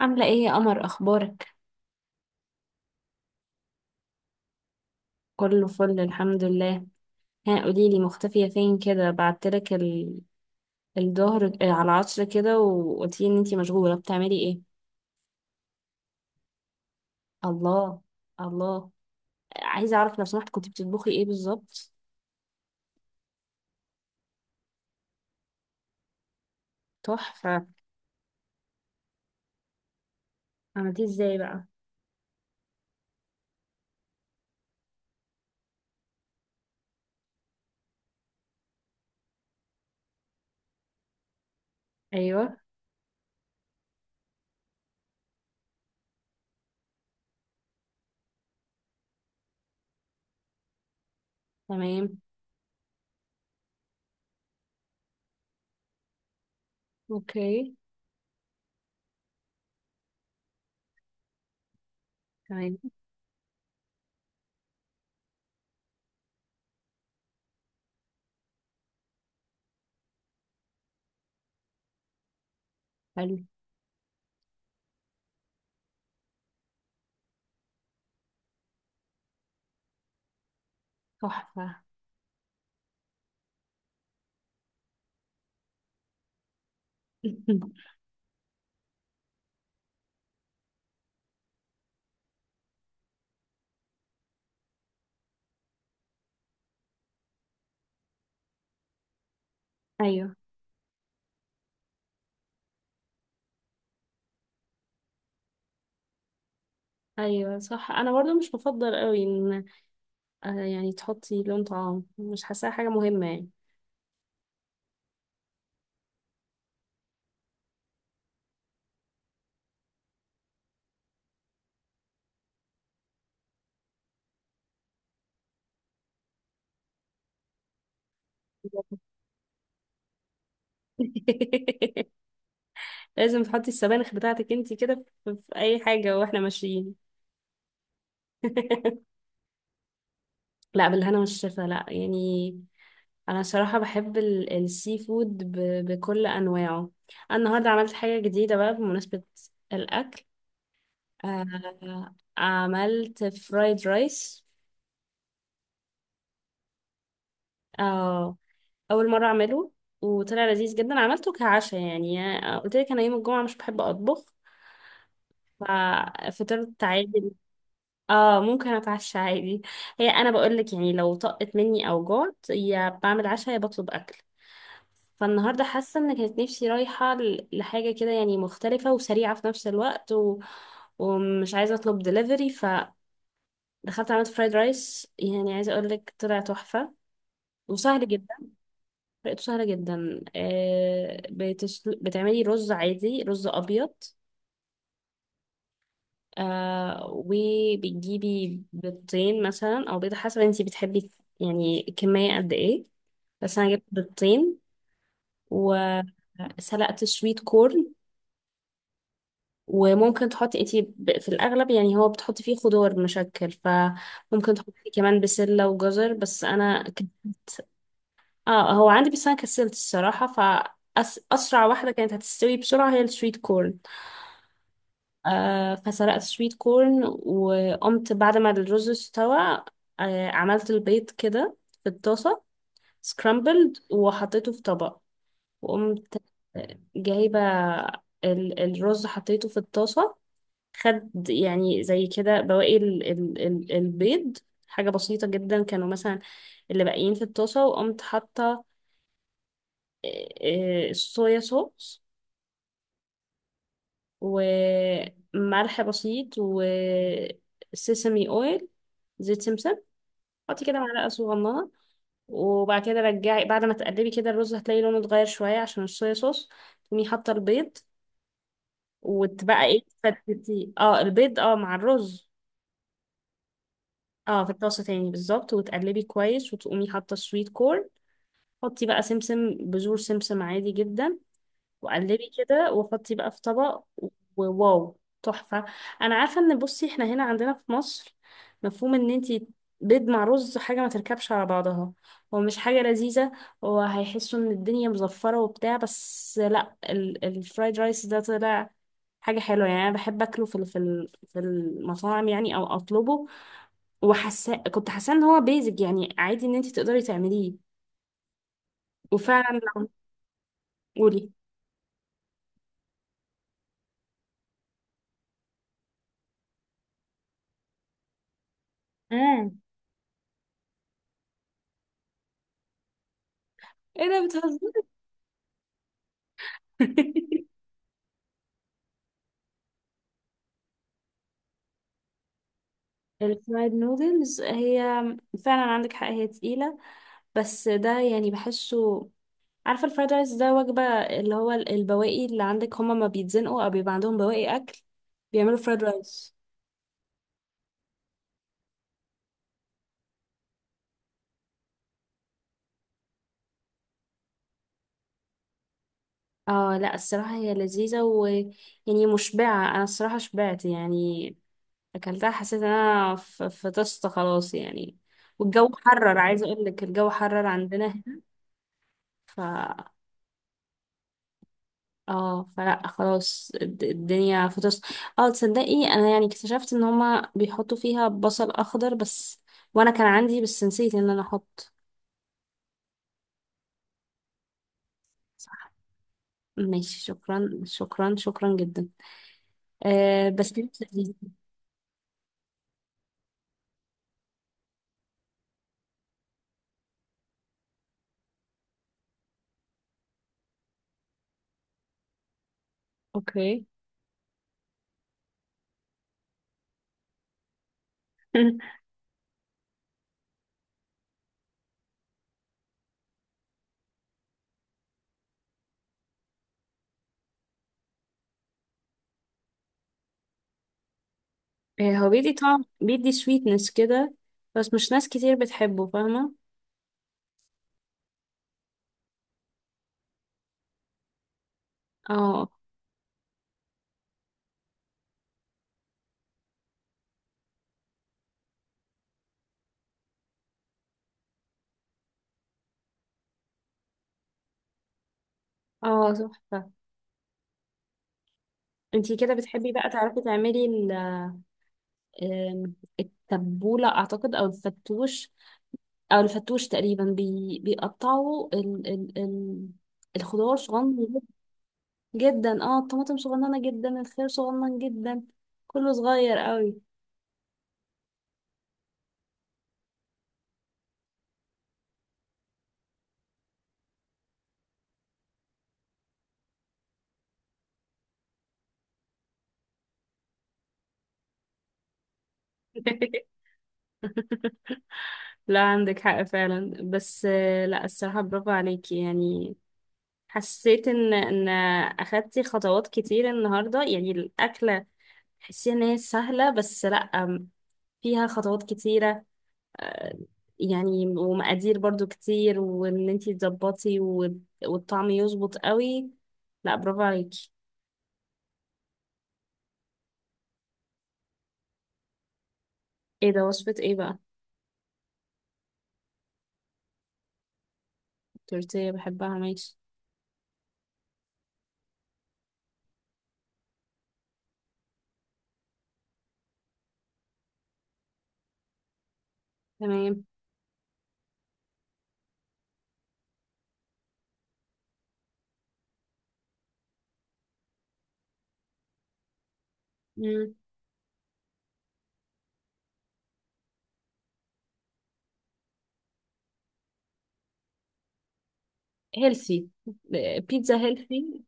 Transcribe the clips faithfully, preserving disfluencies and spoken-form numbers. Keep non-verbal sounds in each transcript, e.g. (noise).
عاملة ايه يا قمر؟ اخبارك؟ كله فل، الحمد لله. ها قوليلي، مختفية فين كده؟ بعتلك ال... الظهر، ك- آه، على العصر كده، وقلتيلي ان انتي مشغولة، بتعملي ايه؟ الله، الله. عايزة اعرف لو سمحت، كنتي بتطبخي ايه بالظبط؟ تحفة. عملتيه ازاي بقى؟ ايوه. تمام. اوكي. تمام. حلو. تحفة. (laughs) ايوه. ايوه صح، انا برضو مش بفضل قوي ان آه، يعني تحطي لون طعام، مش حاساها حاجة مهمة يعني. (laughs) لازم تحطي السبانخ بتاعتك انتي كده في في اي حاجة واحنا ماشيين. (laughs) لا، بالهنا والشفا، لا يعني. انا صراحة بحب ال- السي فود ب- بكل انواعه. انا النهاردة عملت حاجة جديدة بقى، بمناسبة الاكل، آه. عملت فرايد رايس. آه، اول مرة اعمله، وطلع لذيذ جدا. عملته كعشاء يعني. آه، قلت لك انا يوم الجمعة مش بحب اطبخ، ففطرت عادي. اه ممكن اتعشى عادي. هي انا بقولك يعني، لو طقت مني او جعت، يا بعمل عشاء يا بطلب اكل. فالنهارده حاسه ان كانت نفسي رايحه ل- لحاجه كده يعني، مختلفه وسريعه في نفس الوقت، و... ومش عايزه اطلب دليفري، فدخلت عملت فرايد رايس. يعني عايزه اقولك طلع تحفه وسهل جدا. طريقته سهله جدا. آه، بتسل... بتعملي رز عادي، رز ابيض. آه، وبتجيبي بيضتين مثلا، او بيضة حسب انتي بتحبي، يعني كمية قد ايه. بس انا جبت بيضتين. وسلقت سويت كورن. وممكن تحطي انتي ب- في الاغلب، يعني هو بتحطي فيه خضار مشكل، فممكن تحطي كمان بسلة وجزر. بس انا ك... اه هو عندي، بس انا كسلت الصراحة، فأسرع واحدة كانت هتستوي بسرعة هي السويت كورن. آه فسلقت سويت كورن، وقمت بعد ما الرز استوى، آه، عملت البيض كده في الطاسة، سكرامبلد، وحطيته في طبق. وقمت آه، جايبة ال- الرز، حطيته في الطاسة. خد يعني زي كده بواقي ال ال ال البيض، حاجة بسيطة جدا، كانوا مثلا اللي باقيين في الطاسة. وقمت حاطة آه، آه، الصويا صوص، وملح بسيط، وسيسمي اويل، زيت سمسم. حطي كده معلقة صغننة. وبعد كده رجعي، بعد ما تقلبي كده الرز هتلاقي لونه اتغير شوية عشان الصويا صوص. تقومي حاطة البيض، وتبقى ايه، تفتتي اه البيض اه مع الرز. اه في الطاسة تاني بالظبط، وتقلبي كويس، وتقومي حاطة السويت كورن. حطي بقى سمسم، بذور سمسم عادي جدا. وقلبي كده، وحطي بقى في طبق. وواو، تحفة. انا عارفة، ان بصي احنا هنا عندنا في مصر، مفهوم ان انتي بيض مع رز حاجة ما تركبش على بعضها، هو مش حاجة لذيذة، وهيحسوا ان الدنيا مزفرة وبتاع. بس لا، ال- الفرايد رايس ده طلع حاجة حلوة يعني. أنا بحب أكله في ال- في ال- في المطاعم يعني، أو أطلبه. وحاسة، كنت حاسة إن هو بيزك، يعني عادي إن أنت تقدري تعمليه. وفعلا لو. قولي. امم ايه ده، بتهزري؟ (laughs) الفرايد نودلز، هي فعلا عندك حق، هي تقيلة. بس ده يعني بحسه. عارفة الفرايد رايس ده وجبة، اللي هو ال- البواقي اللي عندك، هما ما بيتزنقوا أو بيبقى عندهم بواقي أكل، بيعملوا فرايد رايس. اه لا الصراحة هي لذيذة، ويعني مشبعة. أنا الصراحة شبعت يعني. أكلتها حسيت إن أنا ف- فطست خلاص يعني. والجو حرر، عايزة أقولك الجو حرر عندنا هنا. اه فلا خلاص، الد- الدنيا فطس. اه تصدقي، انا يعني اكتشفت ان هما بيحطوا فيها بصل اخضر بس، وانا كان عندي بس نسيت ان انا احط. صح، ماشي. شكرا، شكرا، شكرا جدا. آه، بس كانت لذيذة. اوكي. (laughs) آه هو بيدي طعم، بيدي سويتنس كده، بس مش ناس كتير بتحبه فاهمة. اه. اه تحفة. انتي كده بتحبي بقى تعرفي تعملي ال- آم، التبولة اعتقد، او الفتوش. او الفتوش تقريبا بي... بيقطعوا ال... ال... ال... الخضار صغنن جدا، اه الطماطم صغننه جدا، الخيار صغنن جدا، كله صغير قوي. (laughs) لا عندك حق فعلا. بس آه، لا الصراحة برافو عليكي يعني. حسيت ان ان اخدتي خطوات كتير النهاردة. يعني الاكلة تحسيها ان هي سهلة، بس لا، أم، فيها خطوات كتيرة يعني، ومقادير برضو كتير، وان انتي تظبطي و- والطعم يظبط قوي. لا برافو عليكي. ايه ده؟ وصفة ايه بقى؟ تورتيه بحبها، ماشي. تمام. مم. هيلثي، بيتزا هيلثي.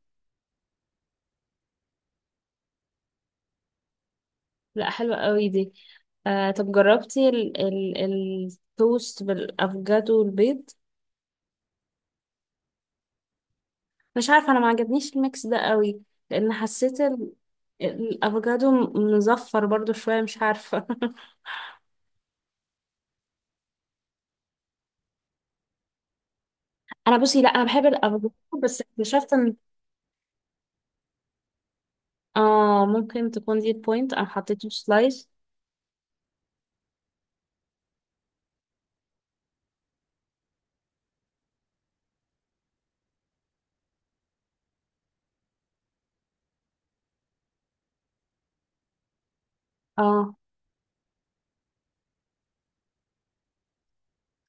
لا حلوة قوي دي. آه طب جربتي ال ال التوست بالافوكادو والبيض؟ مش عارفة، انا ما عجبنيش الميكس ده قوي. لان حسيت ال- الافوكادو م- مزفر برضو شوية، مش عارفة. (laughs) انا بصي لا، انا بحب الافوكادو، بس اكتشفت ان اه ممكن تكون دي البوينت، انا حطيته سلايس. اه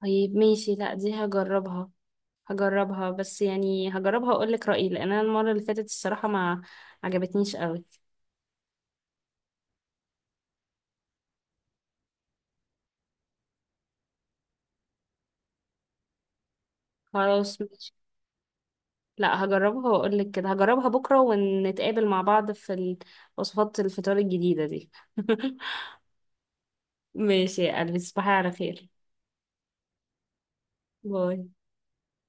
طيب ماشي، لا دي هجربها. هجربها بس يعني هجربها واقول لك رأيي، لان انا المرة اللي فاتت الصراحة ما عجبتنيش قوي. خلاص ماشي. لا هجربها واقول لك كده، هجربها بكرة ونتقابل مع بعض في وصفات الفطار الجديدة دي. (laughs) ماشي يا قلبي، تصبحي على خير. باي.